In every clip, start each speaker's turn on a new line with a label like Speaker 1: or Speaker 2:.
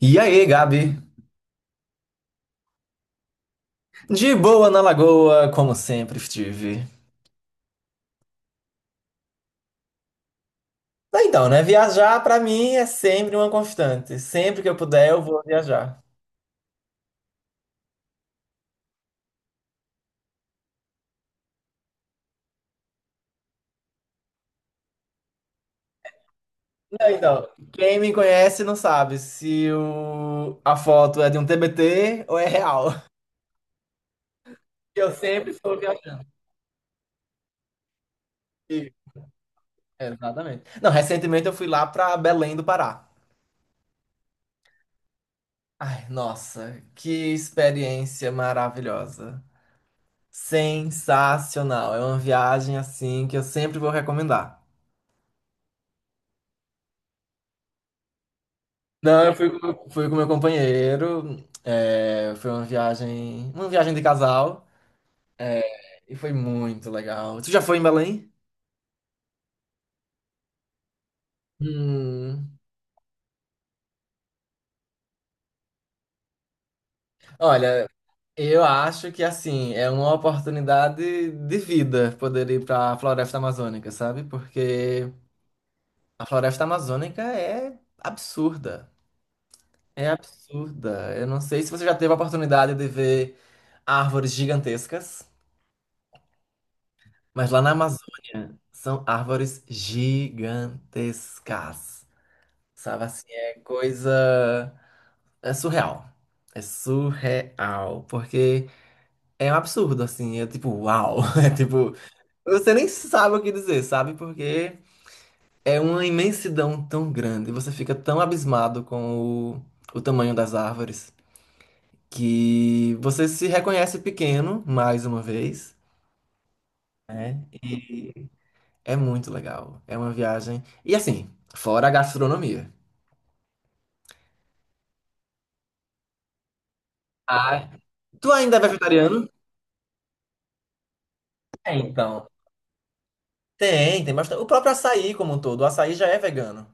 Speaker 1: E aí, Gabi? De boa na lagoa, como sempre estive. Então, né? Viajar pra mim é sempre uma constante. Sempre que eu puder, eu vou viajar. Não, então, quem me conhece não sabe se a foto é de um TBT ou é real. Eu sempre estou viajando. E- Exatamente. Não, recentemente eu fui lá pra Belém do Pará. Ai, nossa, que experiência maravilhosa. Sensacional. É uma viagem assim que eu sempre vou recomendar. Não, eu fui, fui com meu companheiro. É, foi uma viagem de casal e foi muito legal. Tu já foi em Belém? Hum, Olha, eu acho que assim é uma oportunidade de vida poder ir para a Floresta Amazônica, sabe? Porque a Floresta Amazônica é absurda, é absurda. Eu não sei se você já teve a oportunidade de ver árvores gigantescas. Mas lá na Amazônia são árvores gigantescas. Sabe assim, é coisa. É surreal. É surreal. Porque é um absurdo, assim. É tipo, uau. É tipo. Você nem sabe o que dizer, sabe? Porque é uma imensidão tão grande. Você fica tão abismado com o tamanho das árvores que você se reconhece pequeno, mais uma vez. Né? É muito legal. É uma viagem. E assim, fora a gastronomia. Ah, tu ainda é vegetariano? É, então. Tem bastante. O próprio açaí como um todo. O açaí já é vegano.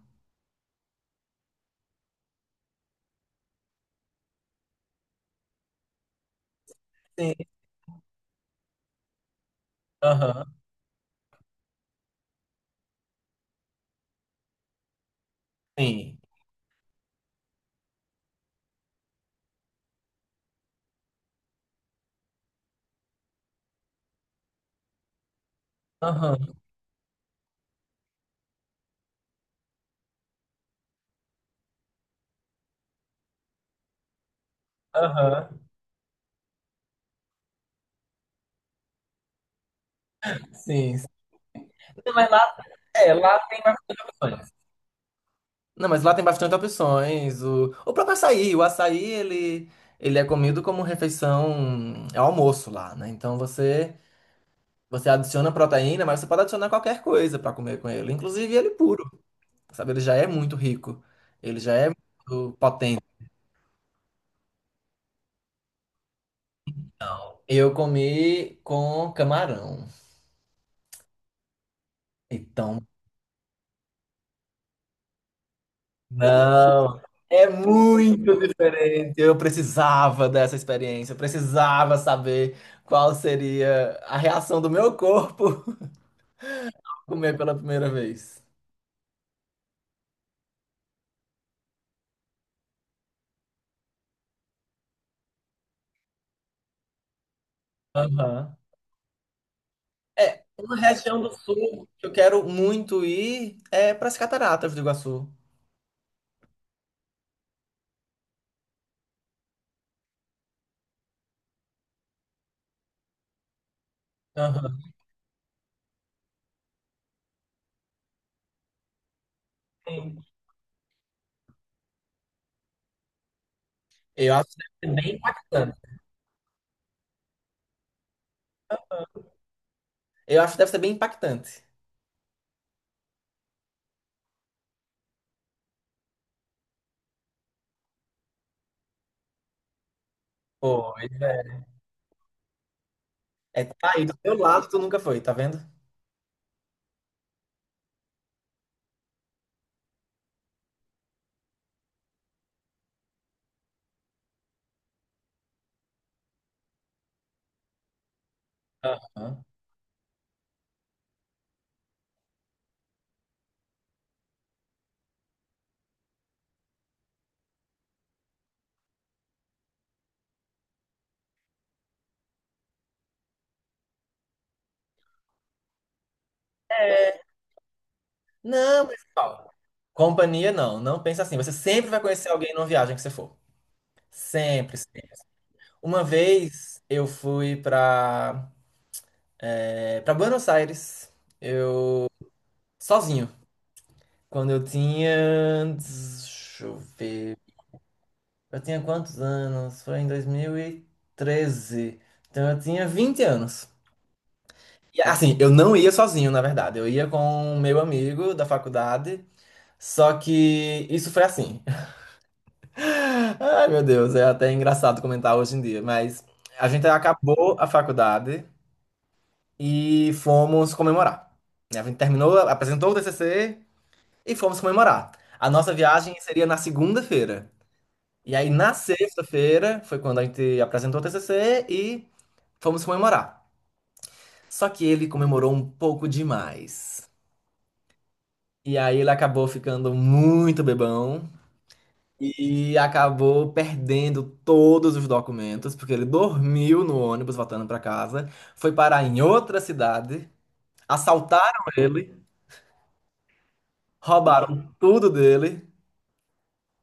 Speaker 1: Sim, aham, sim. Aham, aham. Sim. Sim. Não, lá tem bastante opções. Não, mas lá tem bastante opções. O próprio açaí, o açaí, ele é comido como refeição, é almoço lá, né? Então você adiciona proteína, mas você pode adicionar qualquer coisa para comer com ele, inclusive ele puro. Sabe? Ele já é muito rico, ele já é muito potente. Não, eu comi com camarão. Então, não, é muito diferente. Eu precisava dessa experiência, eu precisava saber qual seria a reação do meu corpo comer pela primeira vez. Aham. É, uma região do sul que eu quero muito ir é para as Cataratas do Iguaçu. Aham. Sim. Eu acho que deve ser bem impactante. Eu acho que deve ser bem impactante. Pois é. É, tá aí do teu lado, tu nunca foi, tá vendo? Aham. Não, mas Paulo, companhia não, não pensa assim. Você sempre vai conhecer alguém numa viagem que você for. Sempre, sempre. Uma vez eu fui pra Buenos Aires, sozinho. Quando eu tinha. Deixa eu ver. Eu tinha quantos anos? Foi em 2013. Então eu tinha 20 anos. E, assim, eu não ia sozinho, na verdade. Eu ia com um meu amigo da faculdade. Só que isso foi assim. Ai, meu Deus, é até engraçado comentar hoje em dia, mas a gente acabou a faculdade e fomos comemorar. Né? A gente terminou, apresentou o TCC e fomos comemorar. A nossa viagem seria na segunda-feira. E aí, na sexta-feira, foi quando a gente apresentou o TCC e fomos comemorar. Só que ele comemorou um pouco demais. E aí, ele acabou ficando muito bebão. E acabou perdendo todos os documentos, porque ele dormiu no ônibus voltando para casa, foi parar em outra cidade, assaltaram ele, roubaram tudo dele,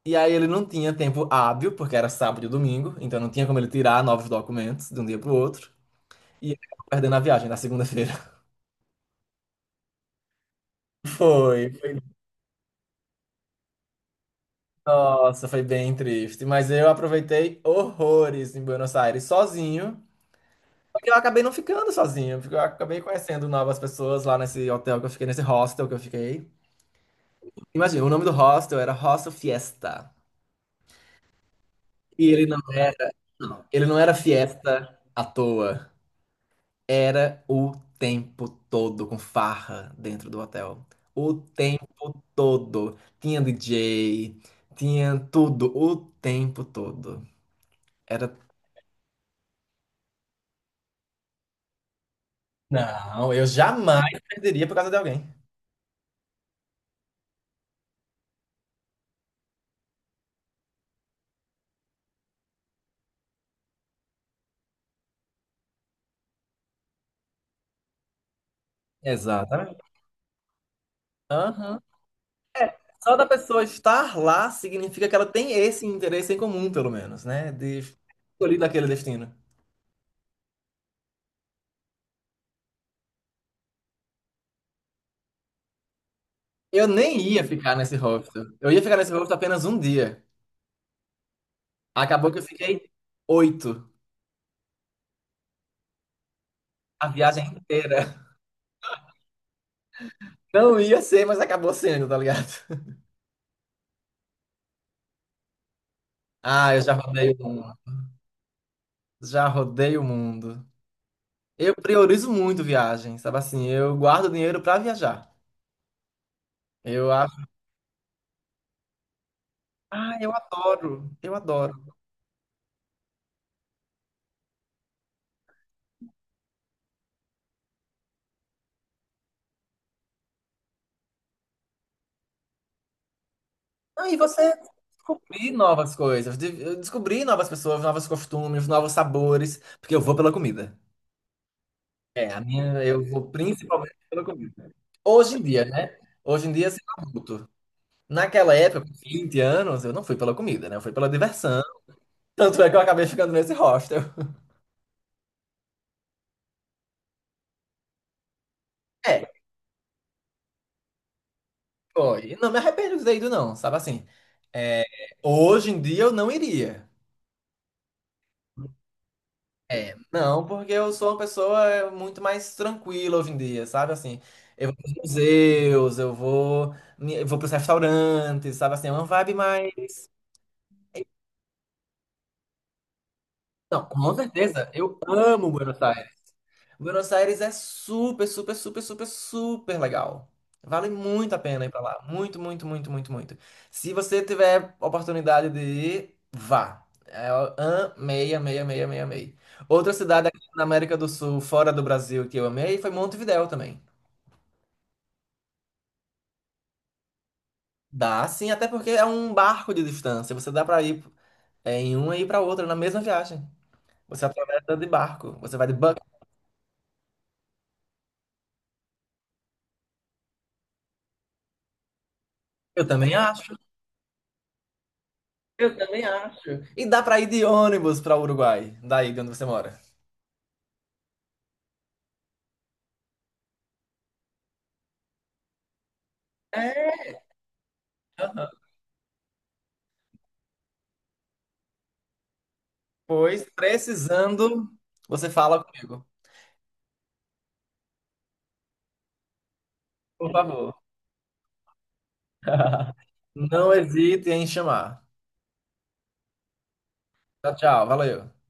Speaker 1: e aí ele não tinha tempo hábil, porque era sábado e domingo, então não tinha como ele tirar novos documentos de um dia para o outro, e ele acabou perdendo a viagem na segunda-feira. Foi, foi. Nossa, foi bem triste, mas eu aproveitei horrores em Buenos Aires sozinho. Porque eu acabei não ficando sozinho, porque eu acabei conhecendo novas pessoas lá nesse hotel que eu fiquei, nesse hostel que eu fiquei. Imagina, o nome do hostel era Hostel Fiesta. E ele não era, não, ele não era fiesta à toa. Era o tempo todo com farra dentro do hotel. O tempo todo. Tinha DJ, tinha tudo, o tempo todo. Era. Não, eu jamais perderia por causa de alguém. Exatamente. Aham. Só da pessoa estar lá significa que ela tem esse interesse em comum, pelo menos, né? De escolher daquele destino. Eu nem ia ficar nesse hostel. Eu ia ficar nesse hostel apenas um dia. Acabou que eu fiquei oito. A viagem inteira. Não ia ser, mas acabou sendo, tá ligado? Ah, eu já rodei o mundo. Já rodei o mundo. Eu priorizo muito viagem, sabe assim? Eu guardo dinheiro pra viajar. Eu acho. Ah, eu adoro. Eu adoro. Não, e você descobrir novas coisas, eu descobrir novas pessoas, novos costumes, novos sabores, porque eu vou pela comida. É, a minha, eu vou principalmente pela comida. Hoje em dia, né? Hoje em dia, sendo adulto. Naquela época, com 20 anos, eu não fui pela comida, né? Eu fui pela diversão. Tanto é que eu acabei ficando nesse hostel. É, foi. Não me arrependo de ter ido, não, sabe assim? É, hoje em dia eu não iria. É, não, porque eu sou uma pessoa muito mais tranquila hoje em dia, sabe? Assim, eu vou pros museus, eu vou pros restaurantes, sabe? Assim, é uma vibe mais. Não, com certeza, eu amo Buenos Aires. Buenos Aires é super, super, super, super, super legal. Vale muito a pena ir pra lá. Muito, muito, muito, muito, muito. Se você tiver oportunidade de ir, vá. É, eu amei, amei, amei, amei, amei. Outra cidade aqui na América do Sul, fora do Brasil, que eu amei, foi Montevidéu também. Dá sim, até porque é um barco de distância. Você dá pra ir em uma e ir pra outra na mesma viagem. Você atravessa de barco. Você vai de bucket. Eu também acho. Eu também acho. E dá para ir de ônibus para o Uruguai, daí de onde você mora. É, aham. Pois, precisando, você fala comigo. Por favor. Não hesite em chamar. Tchau, tchau. Valeu.